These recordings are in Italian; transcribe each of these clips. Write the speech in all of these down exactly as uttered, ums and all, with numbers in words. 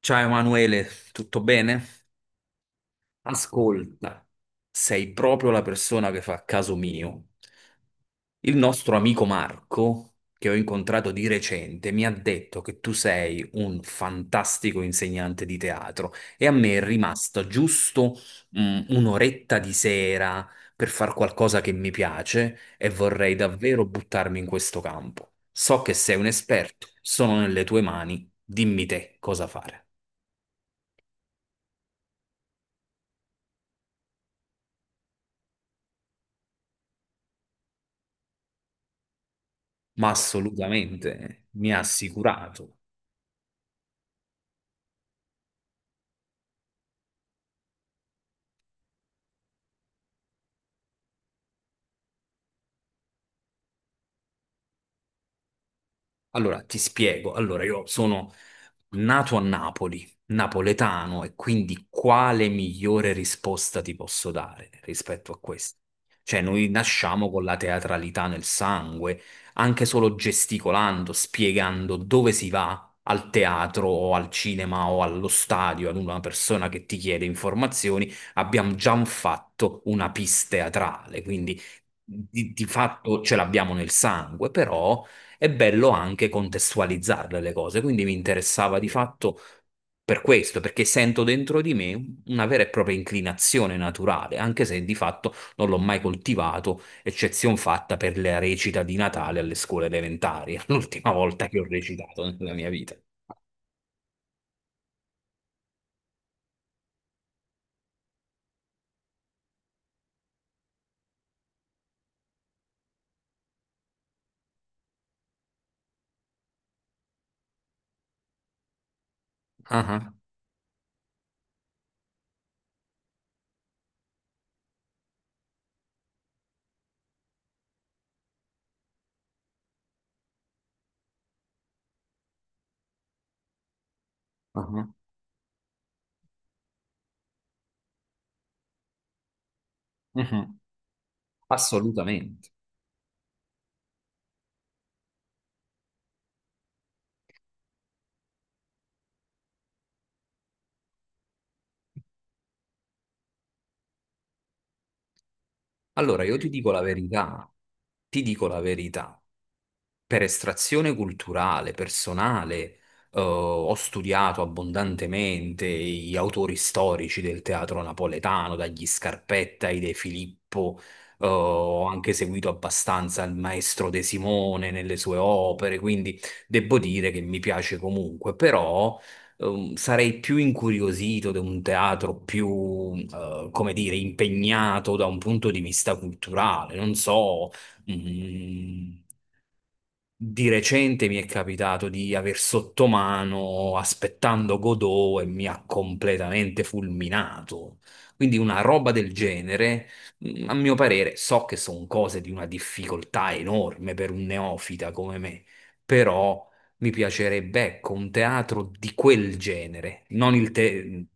Ciao Emanuele, tutto bene? Ascolta, sei proprio la persona che fa caso mio. Il nostro amico Marco, che ho incontrato di recente, mi ha detto che tu sei un fantastico insegnante di teatro e a me è rimasta giusto, mm, un'oretta di sera per far qualcosa che mi piace e vorrei davvero buttarmi in questo campo. So che sei un esperto, sono nelle tue mani, dimmi te cosa fare. Ma assolutamente mi ha assicurato. Allora, ti spiego. Allora, io sono nato a Napoli, napoletano, e quindi quale migliore risposta ti posso dare rispetto a questo? Cioè, noi nasciamo con la teatralità nel sangue, anche solo gesticolando, spiegando dove si va al teatro o al cinema o allo stadio ad una persona che ti chiede informazioni, abbiamo già fatto una pista teatrale, quindi di di fatto ce l'abbiamo nel sangue, però è bello anche contestualizzarle le cose, quindi mi interessava di fatto per questo, perché sento dentro di me una vera e propria inclinazione naturale, anche se di fatto non l'ho mai coltivato, eccezion fatta per la recita di Natale alle scuole elementari, l'ultima volta che ho recitato nella mia vita. Ah, ah, ah, ah. Assolutamente. Allora, io ti dico la verità, ti dico la verità. Per estrazione culturale, personale, eh, ho studiato abbondantemente gli autori storici del teatro napoletano, dagli Scarpetta ai De Filippo, eh, ho anche seguito abbastanza il maestro De Simone nelle sue opere, quindi devo dire che mi piace comunque, però ehm, sarei più incuriosito da un teatro più, eh, come dire, impegnato da un punto di vista culturale, non so. mm, di recente mi è capitato di aver sotto mano aspettando Godot e mi ha completamente fulminato. Quindi una roba del genere, mm, a mio parere, so che sono cose di una difficoltà enorme per un neofita come me, però mi piacerebbe, ecco, un teatro di quel genere, non il te-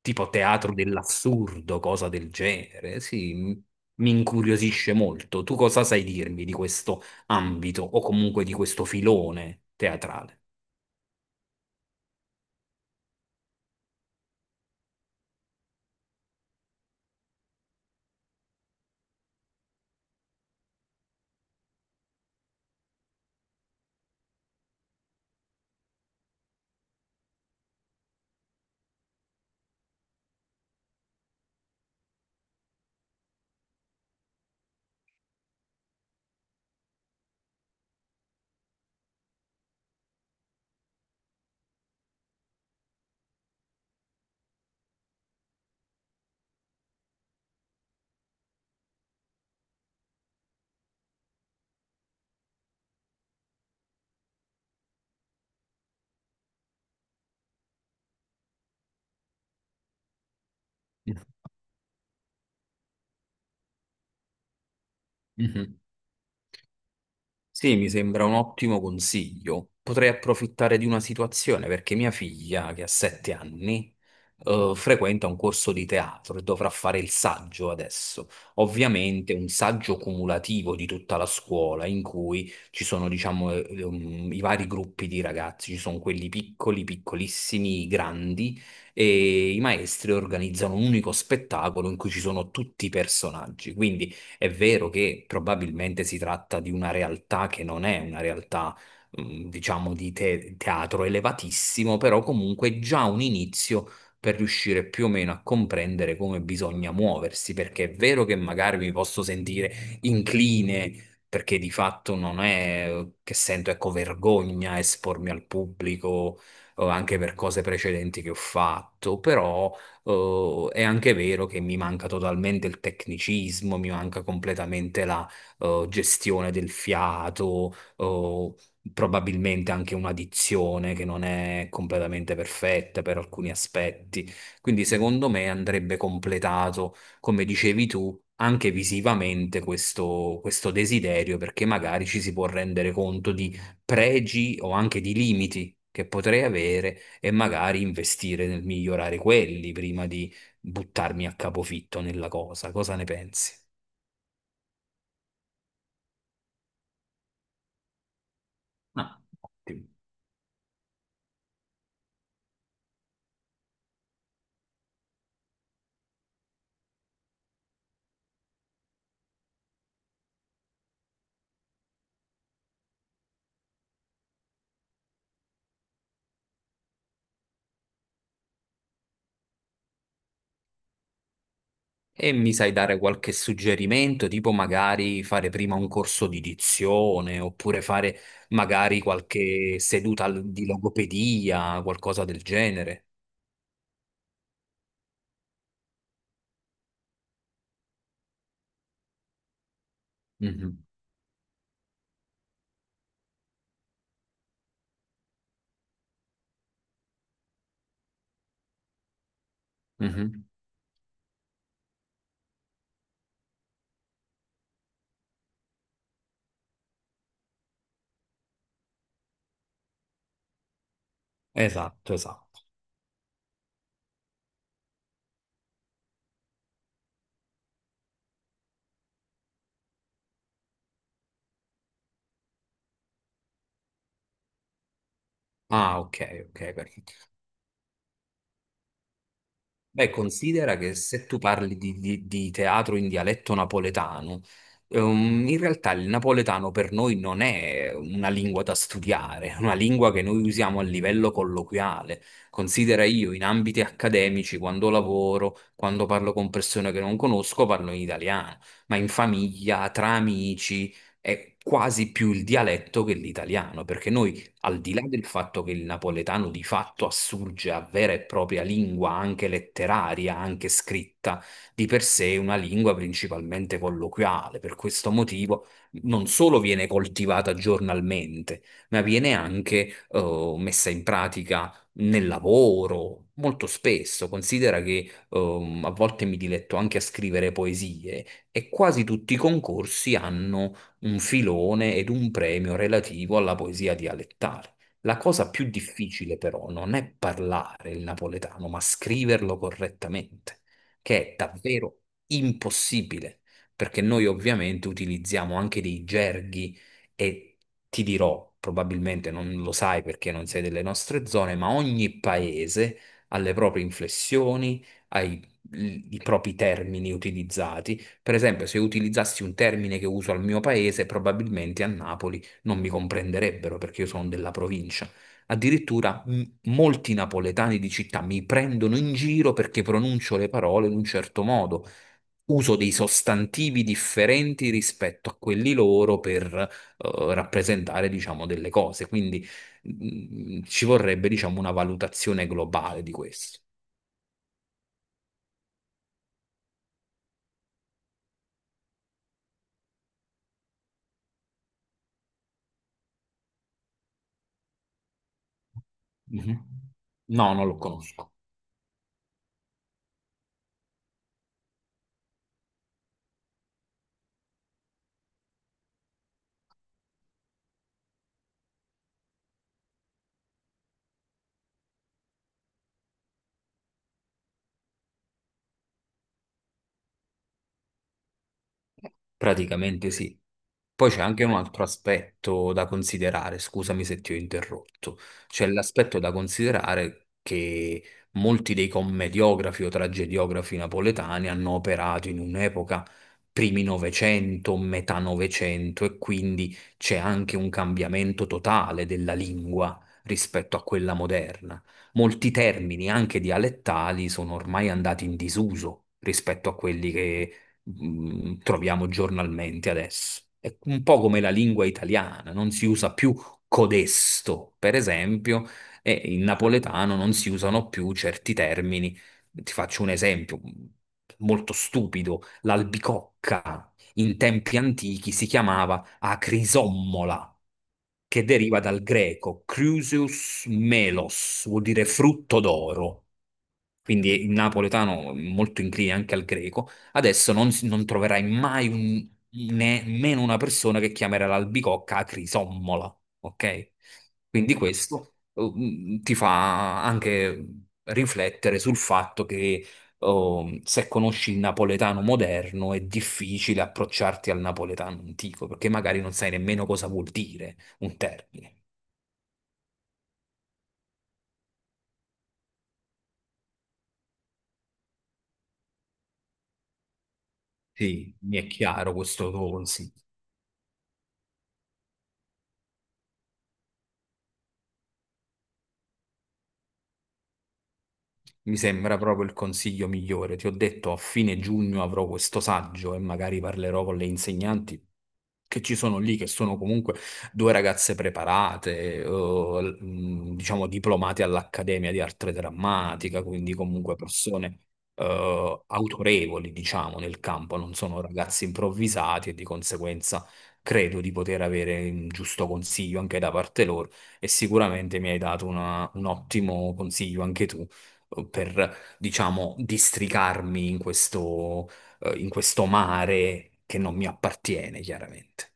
tipo teatro dell'assurdo, cosa del genere. Sì, m- mi incuriosisce molto. Tu cosa sai dirmi di questo? Ambito o comunque di questo filone teatrale. Mhm. Sì, mi sembra un ottimo consiglio. Potrei approfittare di una situazione perché mia figlia, che ha sette anni, eh, frequenta un corso di teatro e dovrà fare il saggio adesso. Ovviamente un saggio cumulativo di tutta la scuola in cui ci sono, diciamo, eh, ehm, i vari gruppi di ragazzi, ci sono quelli piccoli, piccolissimi, i grandi e i maestri organizzano un unico spettacolo in cui ci sono tutti i personaggi. Quindi è vero che probabilmente si tratta di una realtà che non è una realtà, mm, diciamo, di te- teatro elevatissimo, però comunque è già un inizio per riuscire più o meno a comprendere come bisogna muoversi, perché è vero che magari mi posso sentire incline. Perché di fatto non è che sento, ecco, vergogna a espormi al pubblico, o anche per cose precedenti che ho fatto, però eh, è anche vero che mi manca totalmente il tecnicismo, mi manca completamente la eh, gestione del fiato, eh, probabilmente anche una dizione che non è completamente perfetta per alcuni aspetti. Quindi secondo me andrebbe completato, come dicevi tu, anche visivamente questo, questo desiderio, perché magari ci si può rendere conto di pregi o anche di limiti che potrei avere e magari investire nel migliorare quelli prima di buttarmi a capofitto nella cosa. Cosa ne pensi? Ah, ottimo. E mi sai dare qualche suggerimento, tipo magari fare prima un corso di dizione, oppure fare magari qualche seduta al- di logopedia, qualcosa del genere. Mhm, mhm. Esatto, esatto. Ah, ok, ok, perfetto. Beh, considera che se tu parli di, di- di teatro in dialetto napoletano, ehm, in realtà il napoletano per noi non è una lingua da studiare, è una lingua che noi usiamo a livello colloquiale. Considera io in ambiti accademici, quando lavoro, quando parlo con persone che non conosco, parlo in italiano, ma in famiglia, tra amici, è quasi più il dialetto che l'italiano, perché noi al di là del fatto che il napoletano di fatto assurge a vera e propria lingua, anche letteraria, anche scritta, di per sé è una lingua principalmente colloquiale. Per questo motivo non solo viene coltivata giornalmente, ma viene anche eh, messa in pratica nel lavoro. Molto spesso, considera che ehm, a volte mi diletto anche a scrivere poesie e quasi tutti i concorsi hanno un filone ed un premio relativo alla poesia dialettale. La cosa più difficile però non è parlare il napoletano, ma scriverlo correttamente, che è davvero impossibile, perché noi ovviamente utilizziamo anche dei gerghi e ti dirò, probabilmente non lo sai perché non sei delle nostre zone, ma ogni paese ha le proprie inflessioni, ha i i propri termini utilizzati. Per esempio, se utilizzassi un termine che uso al mio paese, probabilmente a Napoli non mi comprenderebbero perché io sono della provincia. Addirittura m- molti napoletani di città mi prendono in giro perché pronuncio le parole in un certo modo. Uso dei sostantivi differenti rispetto a quelli loro per eh, rappresentare, diciamo, delle cose. Quindi mm, ci vorrebbe, diciamo, una valutazione globale di questo. Mhm. No, non lo conosco. Praticamente sì. Poi c'è anche un altro aspetto da considerare, scusami se ti ho interrotto, c'è l'aspetto da considerare che molti dei commediografi o tragediografi napoletani hanno operato in un'epoca primi Novecento, metà Novecento e quindi c'è anche un cambiamento totale della lingua rispetto a quella moderna. Molti termini, anche dialettali, sono ormai andati in disuso rispetto a quelli che mh, troviamo giornalmente adesso. È un po' come la lingua italiana, non si usa più codesto, per esempio, e in napoletano non si usano più certi termini. Ti faccio un esempio mm, molto stupido, l'albicocca in tempi antichi si chiamava acrisommola, che deriva dal greco crusius melos, vuol dire frutto d'oro. Quindi il napoletano è molto incline anche al greco. Adesso non, si- non troverai mai un- nemmeno una persona che chiamerà l'albicocca a crisommola, ok? Quindi questo eh, ti fa anche riflettere sul fatto che oh, se conosci il napoletano moderno è difficile approcciarti al napoletano antico, perché magari non sai nemmeno cosa vuol dire un termine. Sì, mi è chiaro questo tuo consiglio. Mi sembra proprio il consiglio migliore. Ti ho detto, a fine giugno avrò questo saggio e magari parlerò con le insegnanti che ci sono lì, che sono comunque due ragazze preparate, eh, l- mh, diciamo diplomate all'Accademia di Arte Drammatica, quindi comunque persone eh, autorevoli, diciamo, nel campo, non sono ragazzi improvvisati e di conseguenza credo di poter avere un giusto consiglio anche da parte loro e sicuramente mi hai dato una- un ottimo consiglio anche tu eh, per, diciamo, districarmi in questo, eh, in questo mare che non mi appartiene, chiaramente.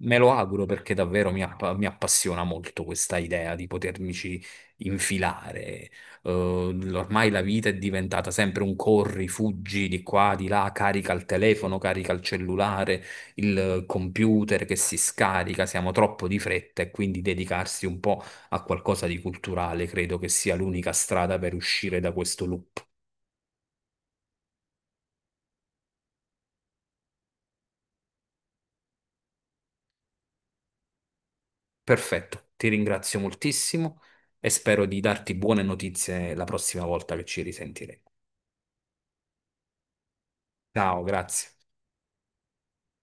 Me lo auguro perché davvero mi, app- mi appassiona molto questa idea di potermici infilare. Eh, Ormai la vita è diventata sempre un corri, fuggi di qua, di là, carica il telefono, carica il cellulare, il computer che si scarica, siamo troppo di fretta e quindi dedicarsi un po' a qualcosa di culturale credo che sia l'unica strada per uscire da questo loop. Perfetto, ti ringrazio moltissimo e spero di darti buone notizie la prossima volta che ci risentiremo. Ciao, grazie.